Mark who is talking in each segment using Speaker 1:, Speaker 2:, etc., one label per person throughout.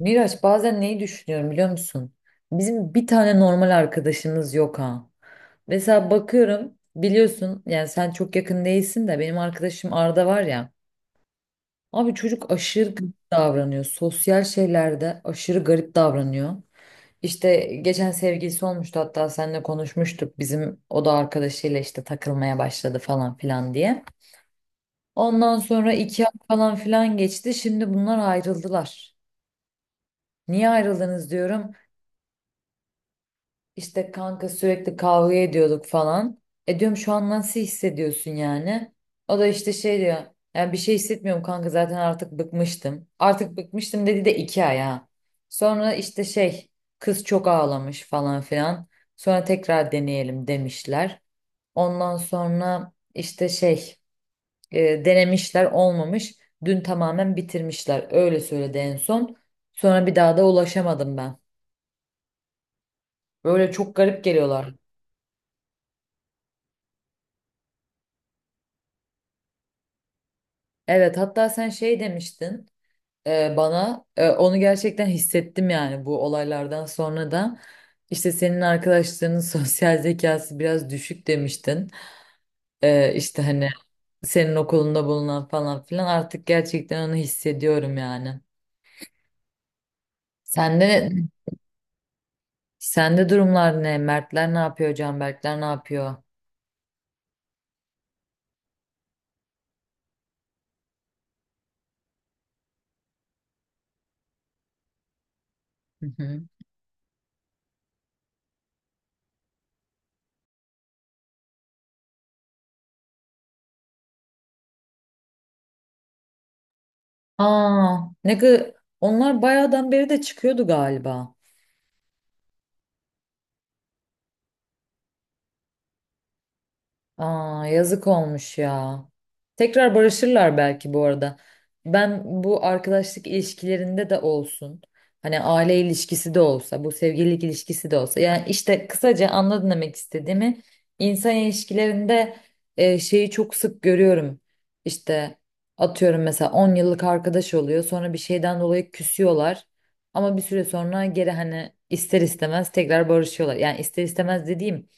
Speaker 1: Miraç bazen neyi düşünüyorum biliyor musun? Bizim bir tane normal arkadaşımız yok ha. Mesela bakıyorum biliyorsun yani sen çok yakın değilsin de benim arkadaşım Arda var ya. Abi çocuk aşırı garip davranıyor. Sosyal şeylerde aşırı garip davranıyor. İşte geçen sevgilisi olmuştu hatta seninle konuşmuştuk. Bizim o da arkadaşıyla işte takılmaya başladı falan filan diye. Ondan sonra iki ay falan filan geçti. Şimdi bunlar ayrıldılar. Niye ayrıldınız diyorum. İşte kanka sürekli kavga ediyorduk falan. E diyorum şu an nasıl hissediyorsun yani? O da işte şey diyor. Yani bir şey hissetmiyorum kanka zaten artık bıkmıştım. Artık bıkmıştım dedi de iki ay ha. Sonra işte şey kız çok ağlamış falan filan. Sonra tekrar deneyelim demişler. Ondan sonra işte şey denemişler olmamış. Dün tamamen bitirmişler. Öyle söyledi en son. Sonra bir daha da ulaşamadım ben. Böyle çok garip geliyorlar. Evet hatta sen şey demiştin bana onu gerçekten hissettim yani bu olaylardan sonra da işte senin arkadaşlarının sosyal zekası biraz düşük demiştin. E, işte hani senin okulunda bulunan falan filan artık gerçekten onu hissediyorum yani. Sende sende durumlar ne? Mertler ne yapıyor? Canberkler ne yapıyor? Hı hı. Aa, ne kadar, onlar bayağıdan beri de çıkıyordu galiba. Aa, yazık olmuş ya. Tekrar barışırlar belki bu arada. Ben bu arkadaşlık ilişkilerinde de olsun. Hani aile ilişkisi de olsa, bu sevgililik ilişkisi de olsa. Yani işte kısaca anladın demek istediğimi. İnsan ilişkilerinde şeyi çok sık görüyorum. İşte atıyorum mesela 10 yıllık arkadaş oluyor. Sonra bir şeyden dolayı küsüyorlar. Ama bir süre sonra geri hani ister istemez tekrar barışıyorlar. Yani ister istemez dediğim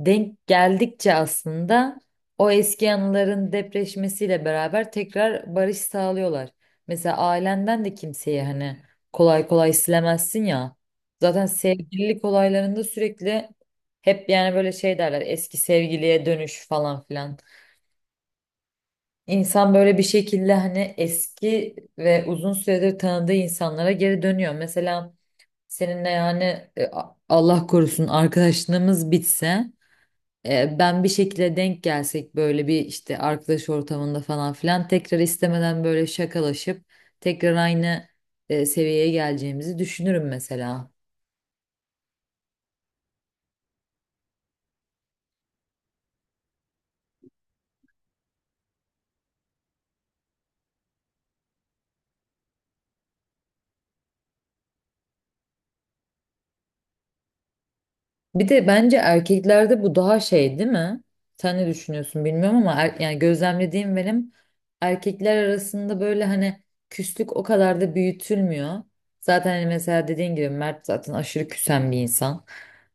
Speaker 1: denk geldikçe aslında o eski anıların depreşmesiyle beraber tekrar barış sağlıyorlar. Mesela ailenden de kimseyi hani kolay kolay silemezsin ya. Zaten sevgililik olaylarında sürekli hep yani böyle şey derler eski sevgiliye dönüş falan filan. İnsan böyle bir şekilde hani eski ve uzun süredir tanıdığı insanlara geri dönüyor. Mesela seninle yani e, Allah korusun arkadaşlığımız bitse ben bir şekilde denk gelsek böyle bir işte arkadaş ortamında falan filan tekrar istemeden böyle şakalaşıp tekrar aynı seviyeye geleceğimizi düşünürüm mesela. Bir de bence erkeklerde bu daha şey değil mi? Sen ne düşünüyorsun bilmiyorum ama yani gözlemlediğim benim erkekler arasında böyle hani küslük o kadar da büyütülmüyor. Zaten hani mesela dediğin gibi Mert zaten aşırı küsen bir insan.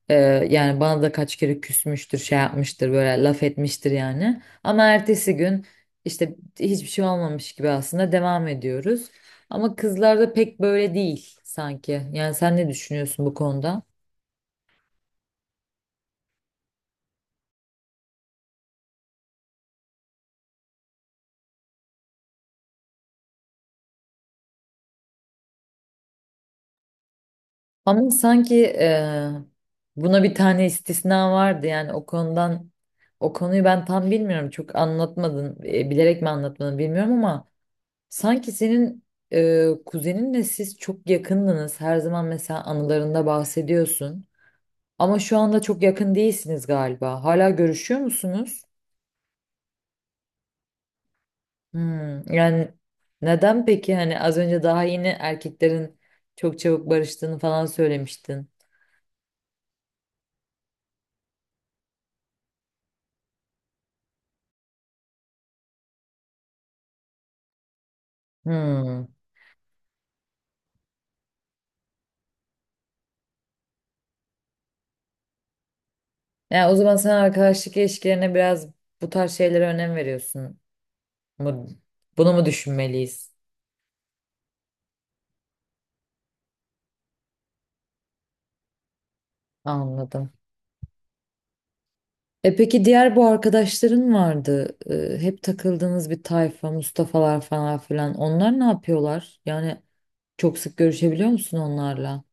Speaker 1: Ee, Yani bana da kaç kere küsmüştür, şey yapmıştır, böyle laf etmiştir yani. Ama ertesi gün işte hiçbir şey olmamış gibi aslında devam ediyoruz. Ama kızlarda pek böyle değil sanki. Yani sen ne düşünüyorsun bu konuda? Ama sanki buna bir tane istisna vardı yani o konudan o konuyu ben tam bilmiyorum çok anlatmadın bilerek mi anlatmadın bilmiyorum ama sanki senin kuzeninle siz çok yakındınız her zaman mesela anılarında bahsediyorsun ama şu anda çok yakın değilsiniz galiba hala görüşüyor musunuz? Hmm, yani neden peki hani az önce daha yeni erkeklerin çok çabuk barıştığını falan söylemiştin. Hmm. Yani o zaman sen arkadaşlık ilişkilerine biraz bu tarz şeylere önem veriyorsun. Bu- Bunu mu düşünmeliyiz? Anladım. E peki diğer bu arkadaşların vardı. Hep takıldığınız bir tayfa, Mustafa'lar falan filan. Onlar ne yapıyorlar? Yani çok sık görüşebiliyor musun onlarla?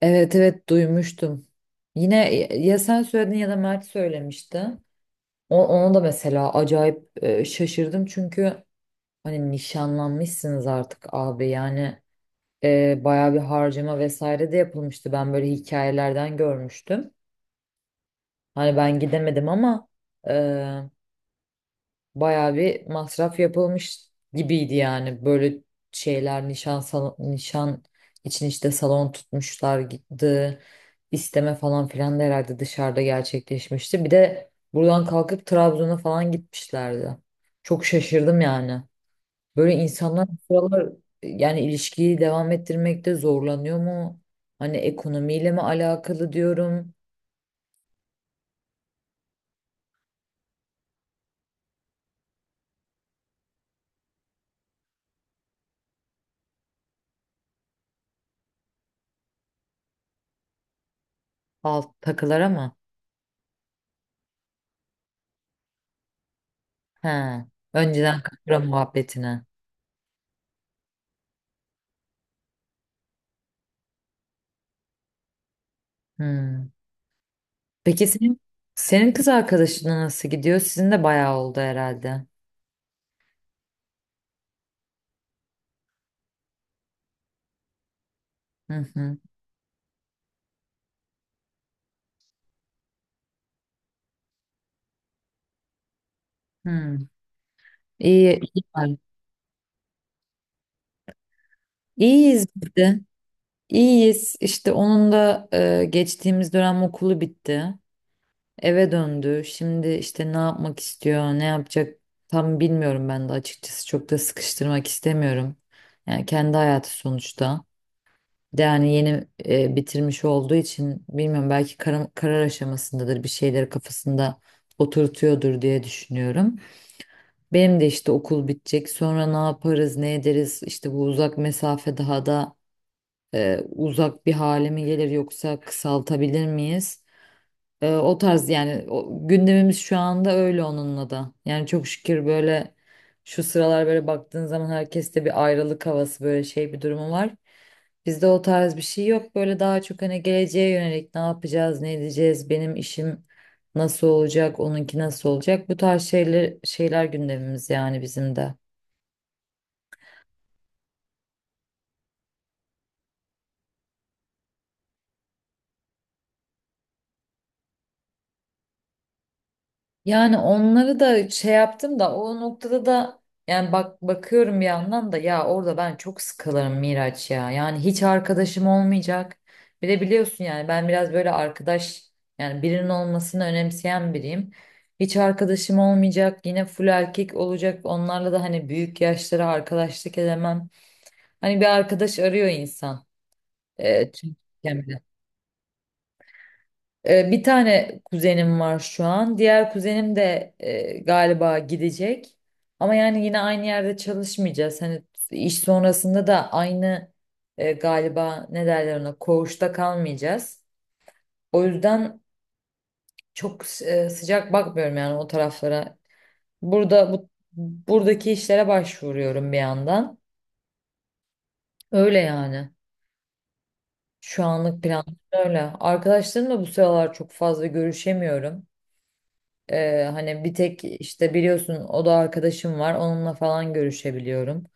Speaker 1: Evet evet duymuştum. Yine ya sen söyledin ya da Mert söylemişti. O, ona da mesela acayip şaşırdım çünkü hani nişanlanmışsınız artık abi yani. Bayağı bir harcama vesaire de yapılmıştı. Ben böyle hikayelerden görmüştüm. Hani ben gidemedim ama e, bayağı bir masraf yapılmış gibiydi yani. Böyle şeyler nişan salon, nişan için işte salon tutmuşlar gitti. İsteme falan filan da herhalde dışarıda gerçekleşmişti. Bir de buradan kalkıp Trabzon'a falan gitmişlerdi. Çok şaşırdım yani. Böyle insanlar bu sıralar yani ilişkiyi devam ettirmekte zorlanıyor mu? Hani ekonomiyle mi alakalı diyorum. Alt takılar ama. He. Önceden kapıra muhabbetine. Hmm. Peki senin, senin kız arkadaşına nasıl gidiyor? Sizin de bayağı oldu herhalde. Hı hı. Hmm. İyi, iyi. Var. İyiyiz biz de. İyiyiz. İşte onun da geçtiğimiz dönem okulu bitti. Eve döndü. Şimdi işte ne yapmak istiyor, ne yapacak tam bilmiyorum ben de açıkçası. Çok da sıkıştırmak istemiyorum. Yani kendi hayatı sonuçta. Bir de yani yeni bitirmiş olduğu için bilmiyorum belki karar aşamasındadır. Bir şeyleri kafasında oturtuyordur diye düşünüyorum. Benim de işte okul bitecek. Sonra ne yaparız, ne ederiz? İşte bu uzak mesafe daha da uzak bir hale mi gelir yoksa kısaltabilir miyiz? O tarz yani o, gündemimiz şu anda öyle onunla da. Yani çok şükür böyle şu sıralar böyle baktığın zaman herkeste bir ayrılık havası böyle şey bir durumu var. Bizde o tarz bir şey yok. Böyle daha çok hani geleceğe yönelik ne yapacağız, ne edeceğiz, benim işim nasıl olacak, onunki nasıl olacak. Bu tarz şeyler gündemimiz yani bizim de. Yani onları da şey yaptım da o noktada da yani bak bakıyorum bir yandan da ya orada ben çok sıkılırım Miraç ya. Yani hiç arkadaşım olmayacak. Bir de biliyorsun yani ben biraz böyle arkadaş yani birinin olmasını önemseyen biriyim. Hiç arkadaşım olmayacak. Yine full erkek olacak. Onlarla da hani büyük yaşlara arkadaşlık edemem. Hani bir arkadaş arıyor insan. E, çünkü bir tane kuzenim var şu an. Diğer kuzenim de galiba gidecek. Ama yani yine aynı yerde çalışmayacağız. Hani iş sonrasında da aynı galiba ne derler ona koğuşta kalmayacağız. O yüzden çok sıcak bakmıyorum yani o taraflara. Burada buradaki işlere başvuruyorum bir yandan. Öyle yani. Şu anlık plan öyle. Arkadaşlarımla bu sıralar çok fazla görüşemiyorum. Hani bir tek işte biliyorsun o da arkadaşım var. Onunla falan görüşebiliyorum.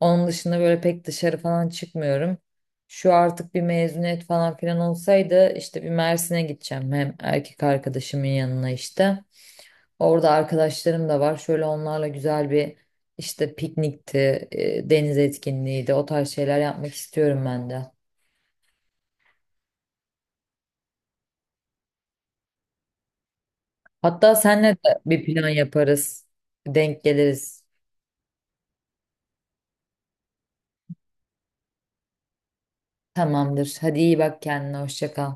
Speaker 1: Onun dışında böyle pek dışarı falan çıkmıyorum. Şu artık bir mezuniyet falan filan olsaydı işte bir Mersin'e gideceğim. Hem erkek arkadaşımın yanına işte. Orada arkadaşlarım da var. Şöyle onlarla güzel bir işte piknikti, deniz etkinliğiydi. O tarz şeyler yapmak istiyorum ben de. Hatta senle de bir plan yaparız. Denk geliriz. Tamamdır. Hadi iyi bak kendine. Hoşça kal.